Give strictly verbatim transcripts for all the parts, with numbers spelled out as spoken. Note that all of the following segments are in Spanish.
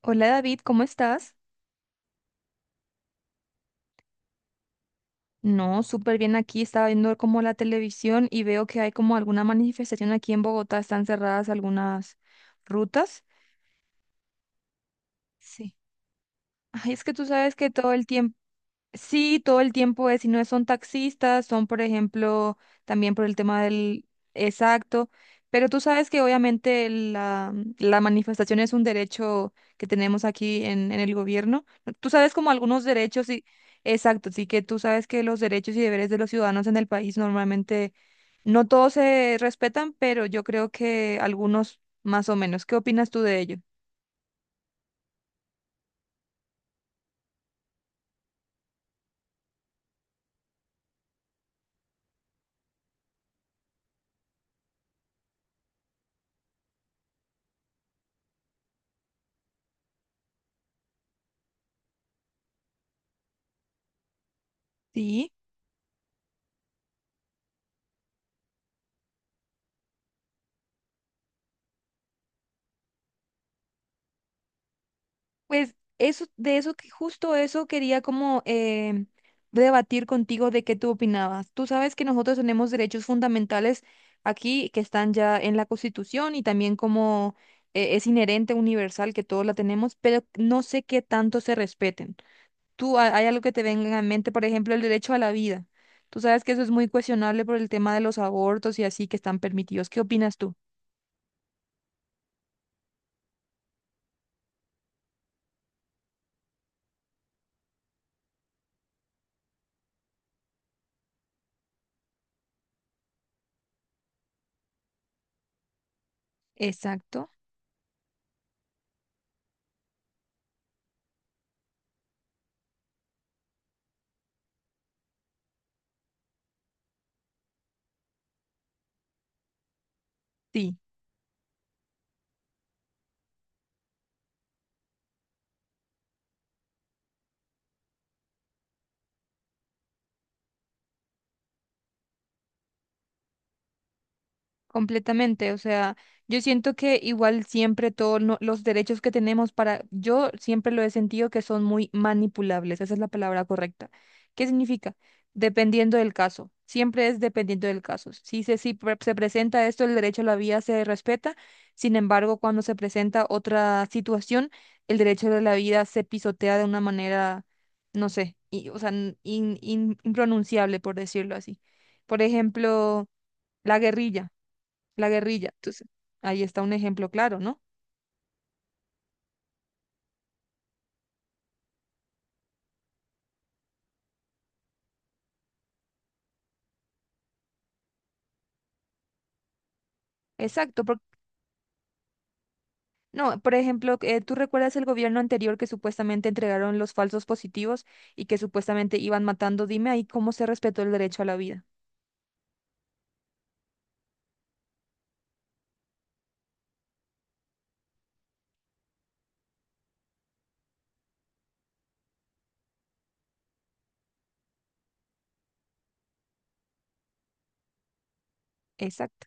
Hola David, ¿cómo estás? No, súper bien aquí. Estaba viendo como la televisión y veo que hay como alguna manifestación aquí en Bogotá. Están cerradas algunas rutas. Sí. Ay, es que tú sabes que todo el tiempo... Sí, todo el tiempo es, y no son taxistas, son, por ejemplo, también por el tema del exacto, pero tú sabes que obviamente la, la manifestación es un derecho que tenemos aquí en, en el gobierno. Tú sabes como algunos derechos y exacto, sí, que tú sabes que los derechos y deberes de los ciudadanos en el país normalmente no todos se respetan, pero yo creo que algunos más o menos. ¿Qué opinas tú de ello? Sí. Pues eso, de eso, que- justo eso quería como eh, debatir contigo de qué tú opinabas. Tú sabes que nosotros tenemos derechos fundamentales aquí que están ya en la Constitución y también como eh, es inherente, universal, que todos la tenemos, pero no sé qué tanto se respeten. Tú, ha- ¿hay algo que te venga en mente? Por ejemplo, el derecho a la vida. Tú sabes que eso es muy cuestionable por el tema de los abortos y así que están permitidos. ¿Qué opinas tú? Exacto. Sí. Completamente, o sea, yo siento que igual siempre todos los derechos que tenemos para, yo siempre lo he sentido que son muy manipulables, esa es la palabra correcta. ¿Qué significa? Dependiendo del caso, siempre es dependiendo del caso. Si se, si pre- Se presenta esto, el derecho a la vida se respeta, sin embargo, cuando se presenta otra situación, el derecho de la vida se pisotea de una manera, no sé, y, o sea, in- in- impronunciable, por decirlo así. Por ejemplo, la guerrilla la guerrilla. Entonces, ahí está un ejemplo claro, ¿no? Exacto, por- no, por ejemplo, eh, ¿tú recuerdas el gobierno anterior que supuestamente entregaron los falsos positivos y que supuestamente iban matando? Dime ahí cómo se respetó el derecho a la vida. Exacto.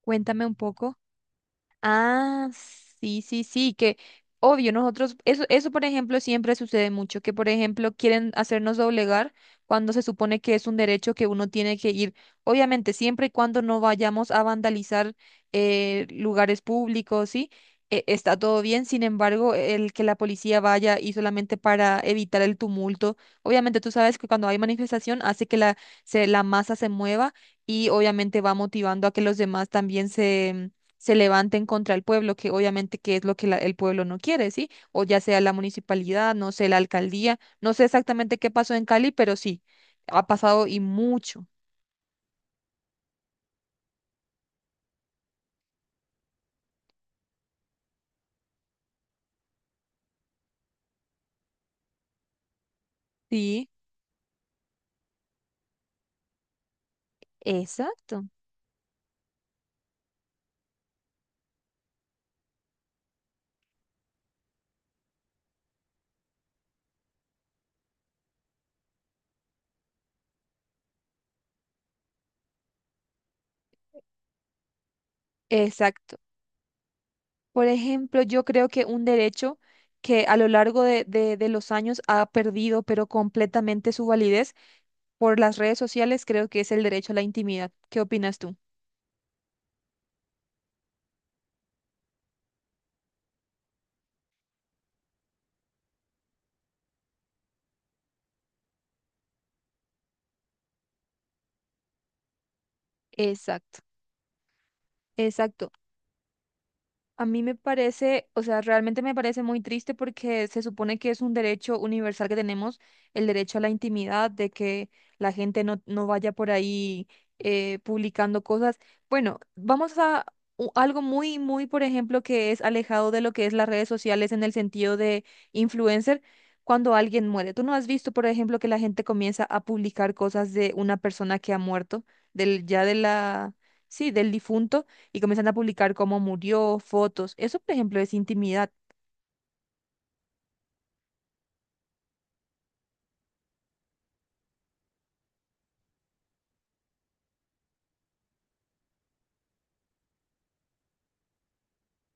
Cuéntame un poco. Ah, sí, sí, sí, que obvio, nosotros, eso, eso por ejemplo siempre sucede mucho, que por ejemplo quieren hacernos doblegar cuando se supone que es un derecho que uno tiene que ir, obviamente siempre y cuando no vayamos a vandalizar eh, lugares públicos, ¿sí? E- está todo bien, sin embargo, el que la policía vaya y solamente para evitar el tumulto, obviamente tú sabes que cuando hay manifestación hace que la, se, la masa se mueva y obviamente va motivando a que los demás también se levanten contra el pueblo, que obviamente que es lo que la- el pueblo no quiere, ¿sí? O ya sea la municipalidad, no sé, la alcaldía, no sé exactamente qué pasó en Cali, pero sí, ha pasado y mucho. Sí, exacto, exacto. Por ejemplo, yo creo que un derecho que a lo largo de, de, de los años ha perdido, pero completamente su validez por las redes sociales, creo que es el derecho a la intimidad. ¿Qué opinas tú? Exacto, exacto. A mí me parece, o sea, realmente me parece muy triste porque se supone que es un derecho universal que tenemos, el derecho a la intimidad, de que la gente no, no vaya por ahí eh, publicando cosas. Bueno, vamos a u- algo muy, muy, por ejemplo, que es alejado de lo que es las redes sociales en el sentido de influencer, cuando alguien muere. ¿Tú no has visto, por ejemplo, que la gente comienza a publicar cosas de una persona que ha muerto, del, ya de la, sí, del difunto? Y comienzan a publicar cómo murió, fotos. Eso, por ejemplo, es intimidad.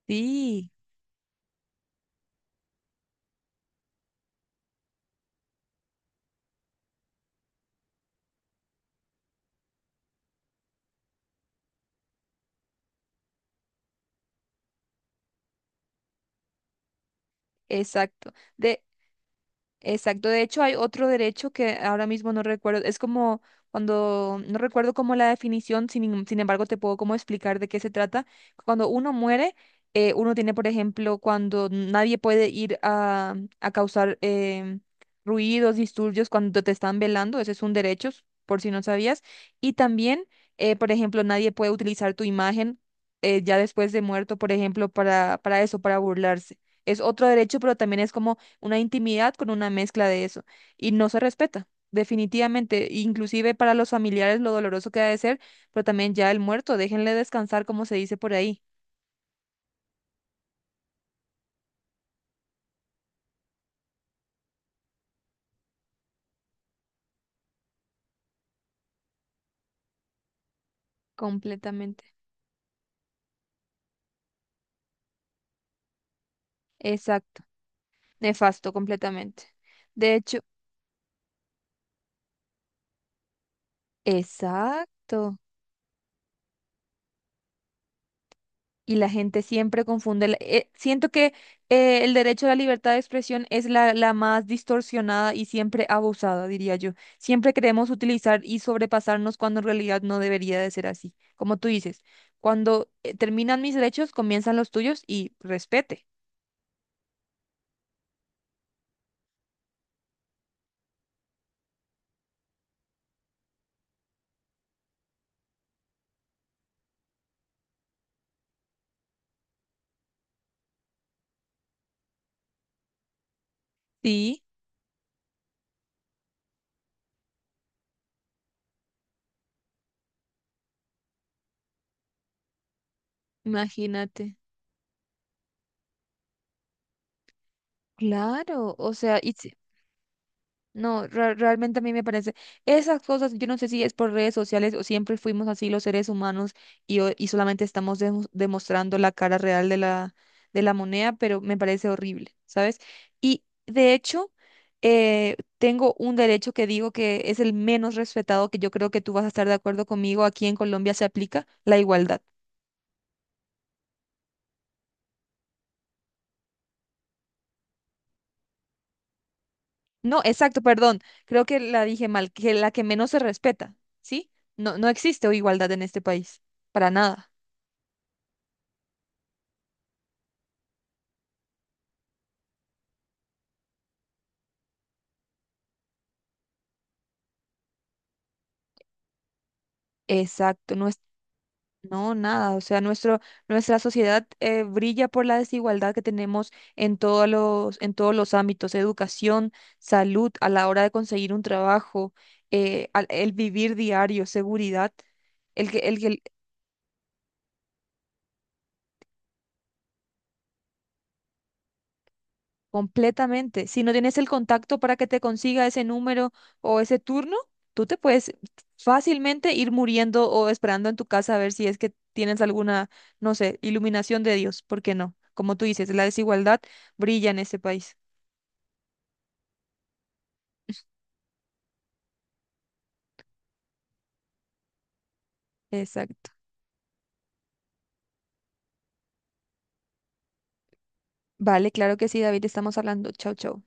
Sí, exacto. De Exacto, de hecho hay otro derecho que ahora mismo no recuerdo, es como cuando, no recuerdo como la definición, sin, em- sin embargo te puedo como explicar de qué se trata. Cuando uno muere, eh, uno tiene, por ejemplo, cuando nadie puede ir a, a causar em, ruidos, disturbios cuando te están velando, ese es un derecho, por si no sabías. Y también, eh, por ejemplo, nadie puede utilizar tu imagen eh, ya después de muerto, por ejemplo, para, para eso, para burlarse. Es otro derecho, pero también es como una intimidad con una mezcla de eso y no se respeta. Definitivamente, inclusive para los familiares lo doloroso que ha de ser, pero también ya el muerto, déjenle descansar como se dice por ahí. Completamente. Exacto. Nefasto, completamente. De hecho, exacto. Y la gente siempre confunde. La- eh, siento que eh, el derecho a la libertad de expresión es la, la más distorsionada y siempre abusada, diría yo. Siempre queremos utilizar y sobrepasarnos cuando en realidad no debería de ser así. Como tú dices, cuando eh, terminan mis derechos, comienzan los tuyos y respete. Sí, imagínate. Claro, o sea, y, No, re- realmente a mí me parece, esas cosas, yo no sé si es por redes sociales o siempre fuimos así los seres humanos y, o- y solamente estamos demo- demostrando la cara real de la, de la moneda, pero me parece horrible, ¿sabes? Y de hecho, eh, tengo un derecho que digo que es el menos respetado, que yo creo que tú vas a estar de acuerdo conmigo, aquí en Colombia se aplica la igualdad. No, exacto, perdón, creo que la dije mal, que la que menos se respeta, ¿sí? No, no existe igualdad en este país, para nada. Exacto, no es, no, nada, o sea, nuestro, nuestra sociedad eh, brilla por la desigualdad que tenemos en todos los, en todos los ámbitos, educación, salud, a la hora de conseguir un trabajo, eh, al- el vivir diario, seguridad, el que, el, que- Completamente. Si no tienes el contacto para que te consiga ese número o ese turno, tú te puedes fácilmente ir muriendo o esperando en tu casa a ver si es que tienes alguna, no sé, iluminación de Dios. ¿Por qué no? Como tú dices, la desigualdad brilla en este país. Exacto. Vale, claro que sí, David, estamos hablando. Chau, chau.